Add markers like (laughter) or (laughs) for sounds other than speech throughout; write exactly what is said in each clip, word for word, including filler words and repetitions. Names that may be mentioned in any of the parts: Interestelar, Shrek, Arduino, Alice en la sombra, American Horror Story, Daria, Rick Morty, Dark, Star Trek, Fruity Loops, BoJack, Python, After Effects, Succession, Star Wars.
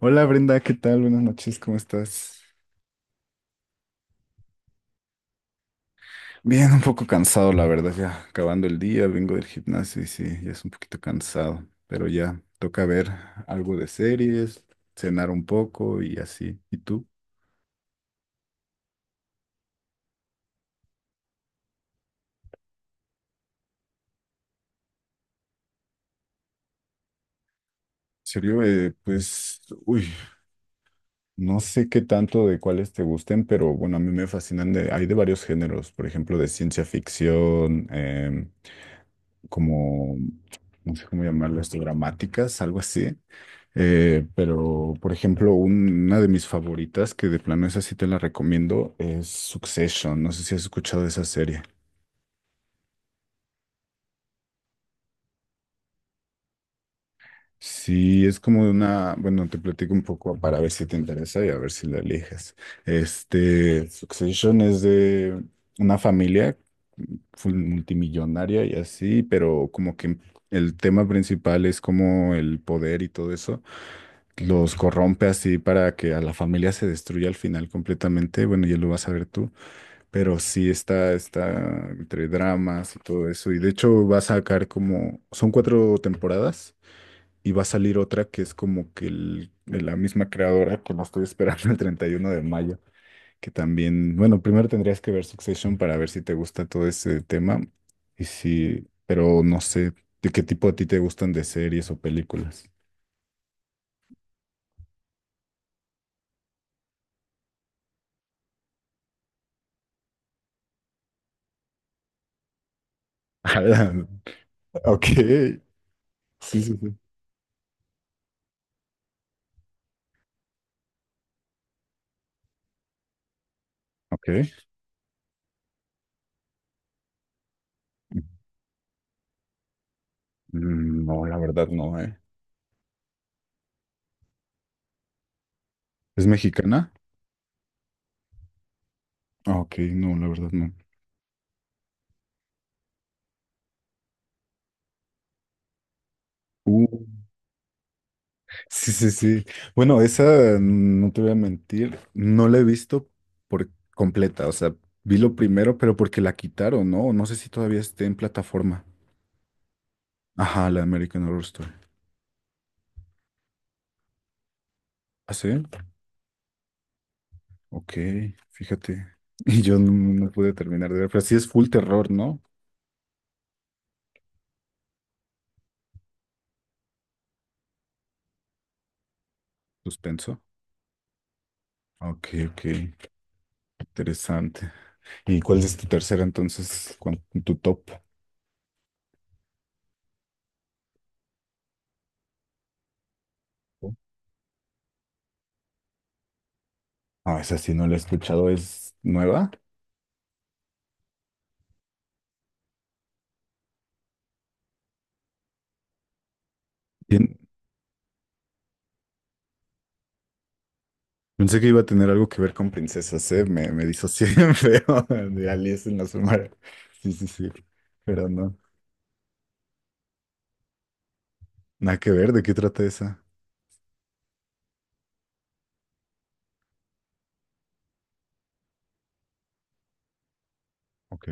Hola Brenda, ¿qué tal? Buenas noches, ¿cómo estás? Bien, un poco cansado, la verdad, ya acabando el día, vengo del gimnasio y sí, ya es un poquito cansado, pero ya toca ver algo de series, cenar un poco y así. ¿Y tú? En serio, eh, pues, uy, no sé qué tanto de cuáles te gusten, pero bueno, a mí me fascinan de, hay de varios géneros, por ejemplo, de ciencia ficción, em, como, no sé cómo llamarlo, esto, dramáticas, algo así. Eh, pero, por ejemplo, un- una de mis favoritas, que de plano esa sí te la recomiendo, es Succession. No sé si has escuchado de esa serie. Sí, es como una, bueno, te platico un poco para ver si te interesa y a ver si la eliges. Este, Succession es de una familia full multimillonaria y así, pero como que el tema principal es como el poder y todo eso los corrompe así para que a la familia se destruya al final completamente. Bueno, ya lo vas a ver tú, pero sí está, está entre dramas y todo eso. Y de hecho va a sacar como, son cuatro temporadas y va a salir otra que es como que el- de la misma creadora que la estoy esperando el treinta y uno de mayo, que también, bueno, primero tendrías que ver Succession para ver si te gusta todo ese tema y si, pero no sé, ¿de qué tipo a ti te gustan de series o películas? (laughs) Ala, ok, sí, sí, sí. Ok. Mm, no, la verdad no, eh. ¿Es mexicana? Ah, ok, no, la verdad no. Uh. Sí, sí, sí. Bueno, esa, mm, no te voy a mentir, no la he visto por completa. O sea, vi lo primero, pero porque la quitaron, ¿no? No sé si todavía esté en plataforma. Ajá, la American Horror Story. ¿Ah, sí? Ok, fíjate. (laughs) Y yo no, no no pude terminar de ver, pero sí es full terror, ¿no? Suspenso. Ok, ok, interesante. ¿Y cuál es tu tercera entonces, ¿Cuál- tu top? Ah, esa sí no la he escuchado, ¿es nueva? Pensé que iba a tener algo que ver con princesas, ¿eh? Me, me disocié (laughs) bien feo de Alice en la sombra. Sí, sí, sí. Pero no. Nada que ver, ¿de qué trata esa? Ok.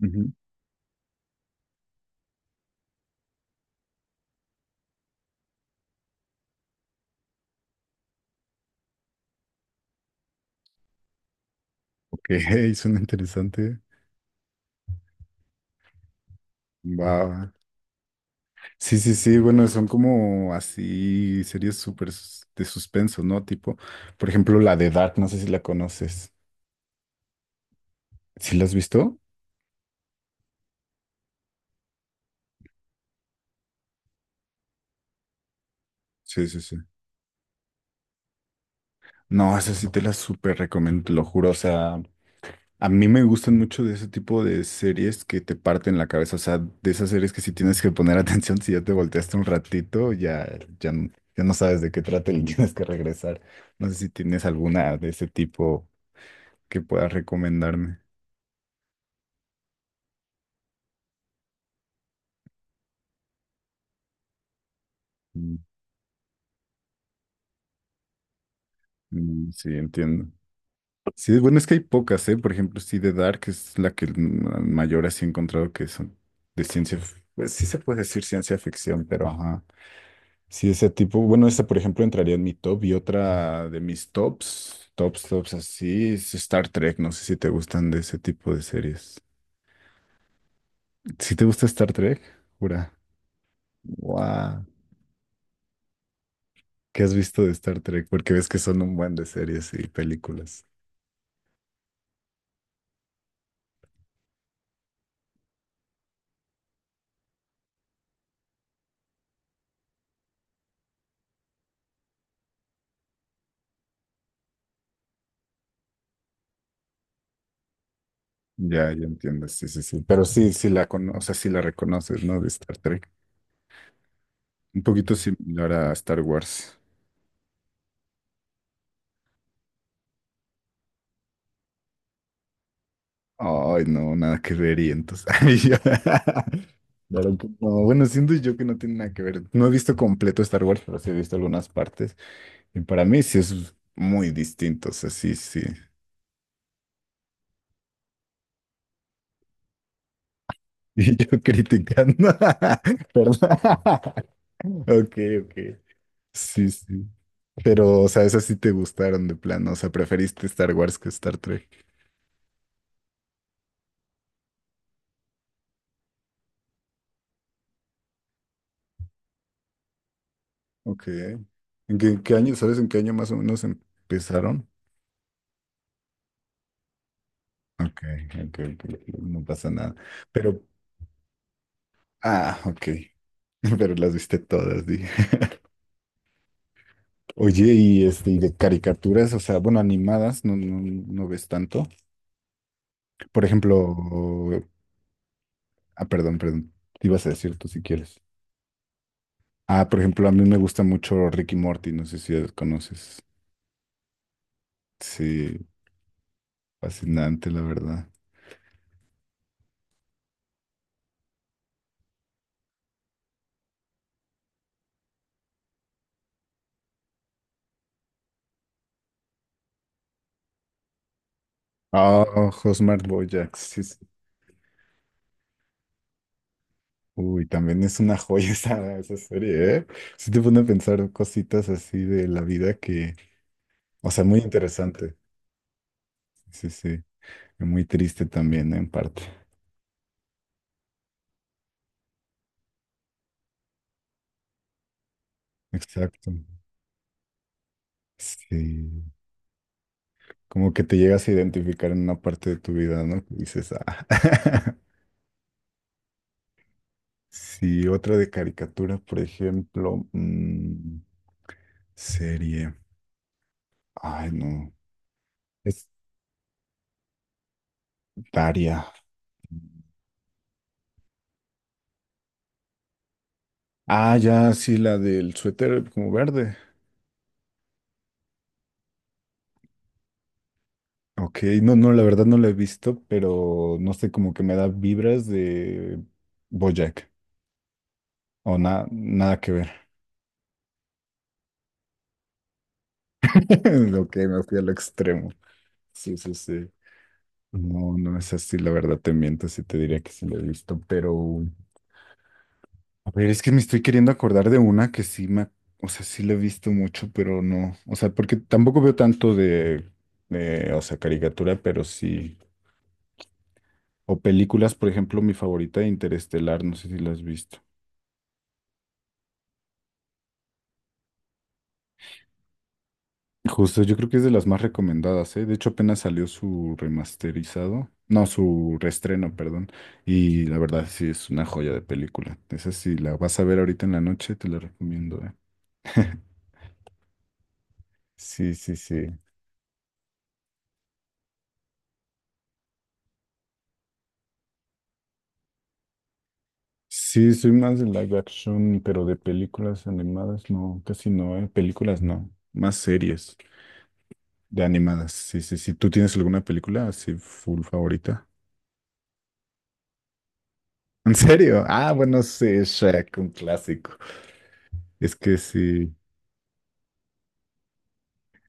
Ujú. Ok, (laughs) suena interesante. Va. Va. Sí, sí, sí. Bueno, son como así series súper sus- de suspenso, ¿no? Tipo, por ejemplo, la de Dark, no sé si la conoces. ¿Sí la has visto? Sí, sí, sí. No, esa sí te la súper recomiendo, te lo juro. O sea. A mí me gustan mucho de ese tipo de series que te parten la cabeza, o sea, de esas series que si tienes que poner (laughs) atención, si ya te volteaste un ratito, ya, ya, n- ya no sabes de qué trata y (laughs) tienes que regresar. No sé si tienes alguna de ese tipo que puedas recomendarme. Mm, mm, sí, entiendo. Sí, bueno, es que hay pocas, ¿eh? Por ejemplo, sí, The Dark es la que mm, mayor así he encontrado que son de ciencia, f- pues sí se puede decir ciencia ficción, pero ajá. Sí, ese tipo, bueno, ese por ejemplo entraría en mi top y otra de mis tops, tops, tops así, es Star Trek, no sé si te gustan de ese tipo de series. ¿Si te gusta Star Trek? Jura. Guau. ¿Qué has visto de Star Trek? Porque ves que son un buen de series y películas. Ya, ya entiendo, sí, sí, sí. Pero sí, sí la cono, o sea, sí la reconoces, ¿no? De Star Trek. Un poquito similar a Star Wars. Ay, no, nada que ver y entonces... (laughs) Ay, yo- (laughs) Claro que no. Bueno, siento yo que no tiene nada que ver. No he visto completo Star Wars, pero sí he visto algunas partes. Y para mí sí es muy distinto, o sea, sí, sí. (laughs) Y yo criticando. (laughs) Perdón. (laughs) Ok, ok. Sí, sí. Pero, o sea, esas sí te gustaron de plano. O sea, preferiste Star Wars que Star Trek. Ok. ¿En qué, qué año, sabes en qué año más o menos empezaron? Ok, ok, ok, ok, no pasa nada. Pero ah, ok. (laughs) Pero las viste todas, dije. Oye, y este, y de caricaturas, o sea, bueno, animadas, no, no, no ves tanto. Por ejemplo, ah, perdón, perdón. Te ibas a decir tú si quieres. Ah, por ejemplo, a mí me gusta mucho Ricky Morty, no sé si los conoces. Sí, fascinante, la verdad. Ah, Housemarque Bojack, sí, sí. Uy, también es una (laughs) joya esa, esa serie, ¿eh? Sí te pone a pensar cositas así de la vida que, o sea, muy interesante. Sí, sí. Muy triste también, ¿no? En parte. Exacto. Sí. Como que te llegas a identificar en una parte de tu vida, ¿no? Que dices, ah. (laughs) Sí, otra de caricatura, por ejemplo, mm, serie. Ay, no. Es Daria. Ah, ya, sí, la del suéter como verde. Ok, no, no, la verdad no la he visto, pero no sé, como que me da vibras de BoJack. O nada, nada que ver. (laughs) Ok, me fui al extremo. Sí, sí, sí. No, no es así, la verdad te miento, sí te diría que sí lo he visto, pero a ver, es que me estoy queriendo acordar de una que sí me, o sea, sí la he visto mucho, pero no, o sea, porque tampoco veo tanto de, de, o sea, caricatura, pero sí, o películas, por ejemplo, mi favorita de Interestelar, no sé si la has visto. Justo, yo creo que es de las más recomendadas, ¿eh? De hecho, apenas salió su remasterizado, no, su reestreno, perdón, y la verdad sí es una joya de película. Esa sí, la vas a ver ahorita en la noche, te la recomiendo, ¿eh? (laughs) Sí, sí, sí. Sí, soy más de live action, pero de películas animadas no, casi no, ¿eh? Películas no, más series de animadas. Sí, sí, sí. ¿Tú tienes alguna película así full favorita? (laughs) ¿En serio? Ah, bueno, sí, Shrek, un clásico. Es que sí,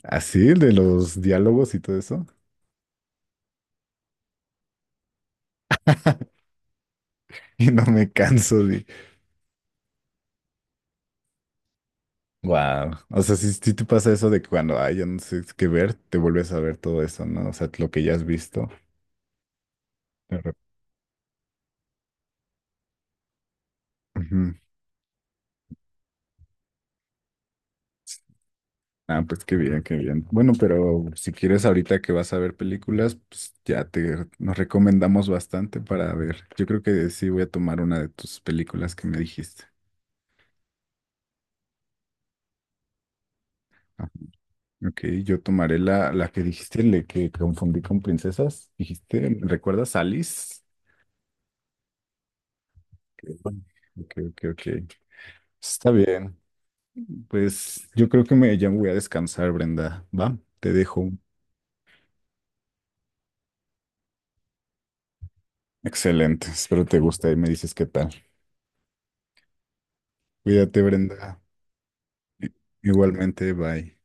así, el de los diálogos y todo eso. (laughs) Y no me canso de... Wow. O sea, si, te pasa eso de que cuando, ay, ya no sé qué ver, te vuelves a ver todo eso, ¿no? O sea, lo que ya has visto. de rep- Ujú. Ah, pues qué bien, qué bien. Bueno, pero si quieres ahorita que vas a ver películas, pues ya te nos recomendamos bastante para ver. Yo creo que sí voy a tomar una de tus películas que me dijiste. Ah, ok, yo tomaré la, la que dijiste, le que confundí con princesas. Dijiste, ¿recuerdas Alice? Ok, ok, ok. Ok. Está bien. Pues yo creo que me, ya me voy a descansar, Brenda. Va, te dejo. Excelente, espero te guste y me dices qué tal. Cuídate, Brenda. I- Igualmente, bye.